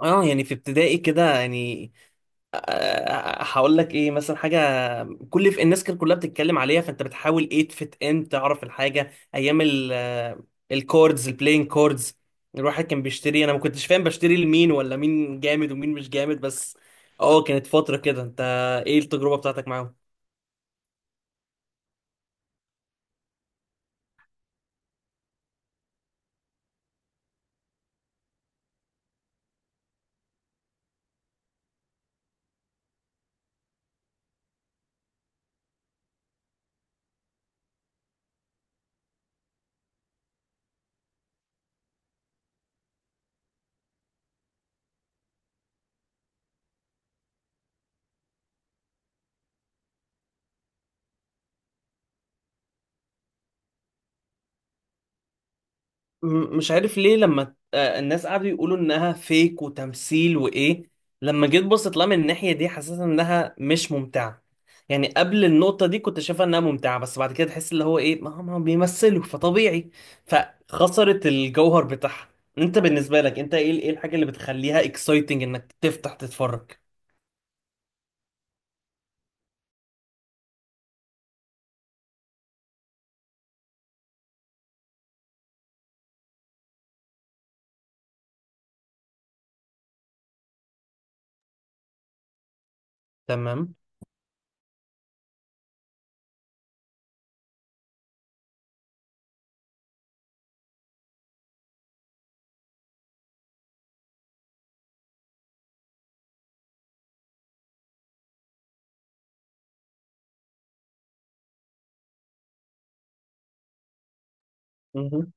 اه، يعني في ابتدائي كده. هقول لك ايه، مثلا حاجه، في الناس كانت كلها بتتكلم عليها، فانت بتحاول تفت ان تعرف الحاجه، ايام ال آه، الكوردز، البلاين كوردز. الواحد كان بيشتري، انا ما كنتش فاهم بشتري لمين، ولا مين جامد ومين مش جامد، بس اه كانت فتره كده. انت ايه التجربه بتاعتك معاهم؟ مش عارف ليه، لما الناس قعدوا يقولوا انها فيك وتمثيل وايه، لما جيت بصيت لها من الناحية دي، حسيت انها مش ممتعة. يعني قبل النقطة دي كنت شايفها انها ممتعة، بس بعد كده تحس اللي هو ايه، ما هم بيمثلوا فطبيعي، فخسرت الجوهر بتاعها. انت بالنسبة لك، انت ايه الحاجة اللي بتخليها اكسايتنج انك تفتح تتفرج؟ تمام. مهم.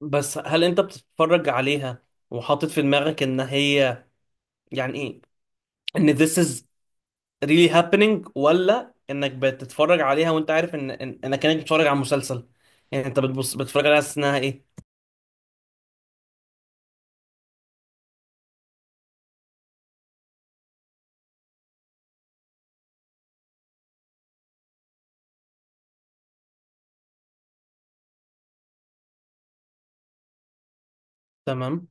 بس هل انت بتتفرج عليها وحاطط في دماغك ان هي، يعني ايه، ان this is ريلي هابينج، ولا انك بتتفرج عليها وانت عارف ان انك كانك بتتفرج على مسلسل؟ يعني انت بتبص بتتفرج عليها حاسس انها ايه؟ تمام.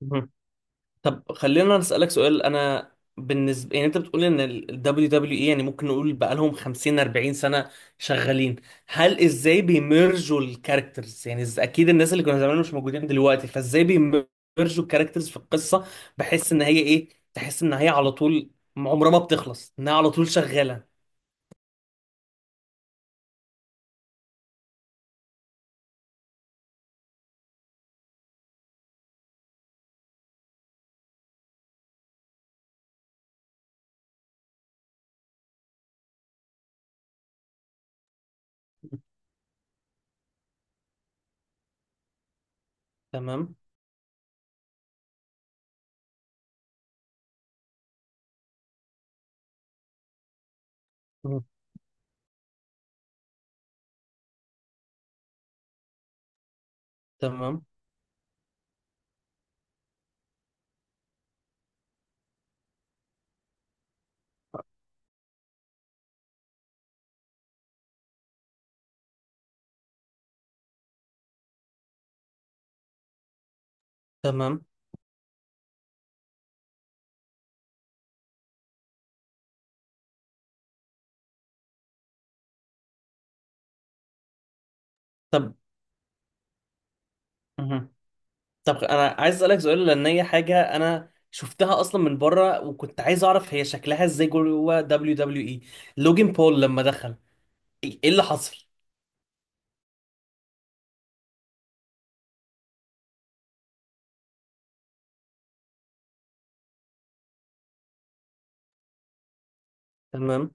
مهم. طب خلينا نسألك سؤال. انا بالنسبه، يعني انت بتقول ان ال دبليو دبليو اي يعني ممكن نقول بقالهم 50 40 سنه شغالين، هل، ازاي بيمرجوا الكاركترز؟ يعني اكيد الناس اللي كانوا زمان مش موجودين دلوقتي، فازاي بيمرجوا الكاركترز في القصه، بحيث ان هي، ايه، تحس ان هي على طول عمرها ما بتخلص، انها على طول شغاله؟ تمام. مم. تمام. تمام طب مهم. طب انا عايز اسالك سؤال، لان هي حاجه انا شفتها اصلا من بره، وكنت عايز اعرف هي شكلها ازاي جوه دبليو دبليو اي. لوجين بول لما دخل، ايه اللي حصل؟ تمام.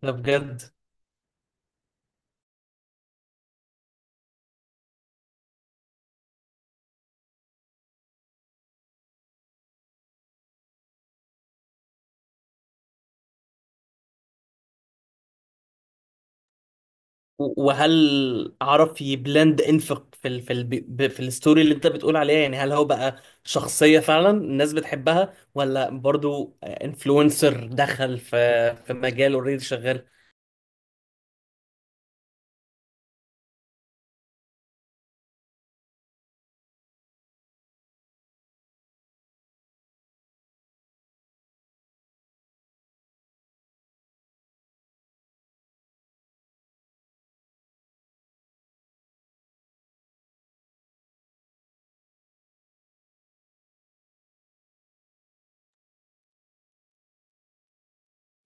ده بجد؟ وهل عرف يبلند انفق في في الستوري اللي انت بتقول عليها؟ يعني هل هو بقى شخصيه فعلا الناس بتحبها، ولا برضو انفلونسر دخل في في مجال اوريدي شغال؟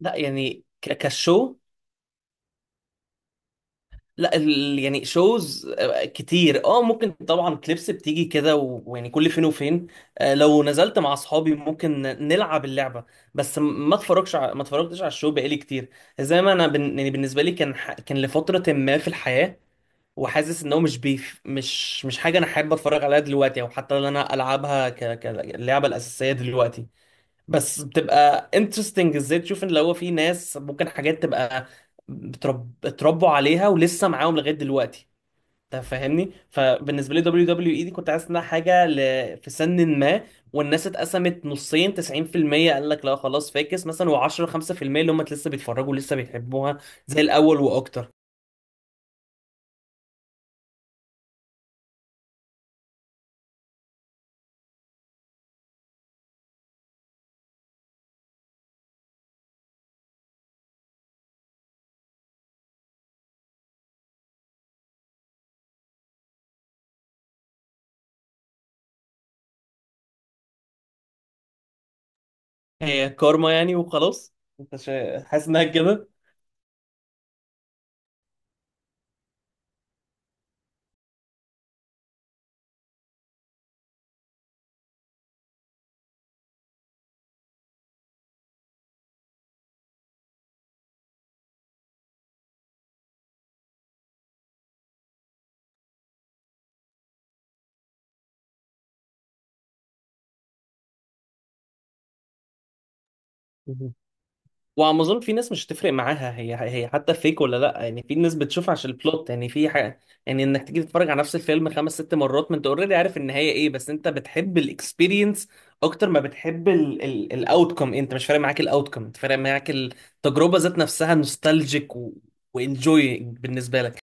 لا، يعني كشو، لا يعني شوز كتير، اه، ممكن طبعا كليبس بتيجي كده، ويعني كل فين وفين. لو نزلت مع اصحابي ممكن نلعب اللعبه، بس ما اتفرجش ع... ما اتفرجتش على الشو بقالي كتير. زي ما يعني بالنسبه لي كان كان لفتره ما في الحياه، وحاسس ان هو مش بيف... مش مش حاجه انا حابب اتفرج عليها دلوقتي، او حتى ان انا العبها كاللعبه الاساسيه دلوقتي. بس بتبقى انترستنج ازاي تشوف ان لو في ناس ممكن حاجات تبقى اتربوا عليها ولسه معاهم لغايه دلوقتي، انت فاهمني؟ فبالنسبه لي دبليو دبليو اي دي كنت حاسس انها حاجه في سن ما، والناس اتقسمت نصين، 90% قال لك لا خلاص فاكس مثلا، و10 5% اللي هم لسه بيتفرجوا لسه بيحبوها زي الاول واكتر. هي كارما يعني وخلاص، انت حاسس انها كده؟ وعم اظن في ناس مش هتفرق معاها هي هي حتى فيك ولا لا، يعني في ناس بتشوف عشان البلوت. يعني في حاجه، يعني انك تيجي تتفرج على نفس الفيلم 5 6 مرات ما انت اوريدي عارف النهايه ايه، بس انت بتحب الاكسبيرينس اكتر ما بتحب الاوتكم، انت مش فارق معاك الاوتكم، انت فارق معاك التجربه ذات نفسها، نوستالجيك وانجوي بالنسبه لك.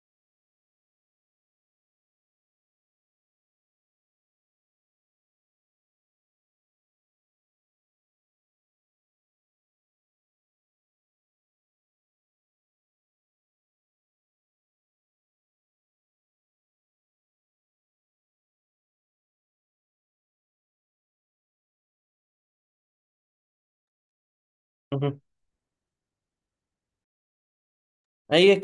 مهم. هي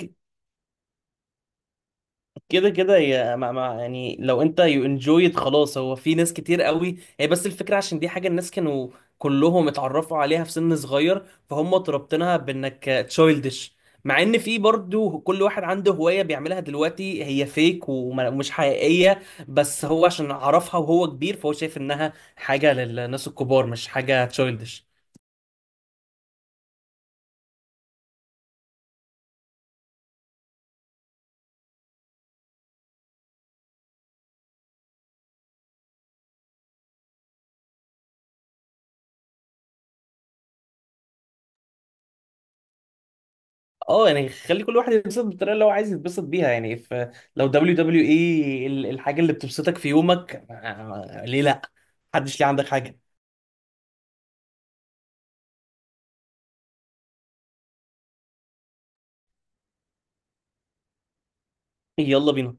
كده كده هي مع، يعني لو انت يو انجويد خلاص، هو في ناس كتير قوي هي، بس الفكره عشان دي حاجه الناس كانوا كلهم اتعرفوا عليها في سن صغير، فهم تربطنها بانك تشايلدش، مع ان في برضو كل واحد عنده هوايه بيعملها دلوقتي هي فيك ومش حقيقيه. بس هو عشان عرفها وهو كبير، فهو شايف انها حاجه للناس الكبار مش حاجه تشايلدش. اه يعني خلي كل واحد ينبسط بالطريقه اللي هو عايز يتبسط بيها، يعني فلو دبليو دبليو اي الحاجه اللي بتبسطك في يومك، ليه لا؟ محدش ليه عندك حاجه. يلا بينا.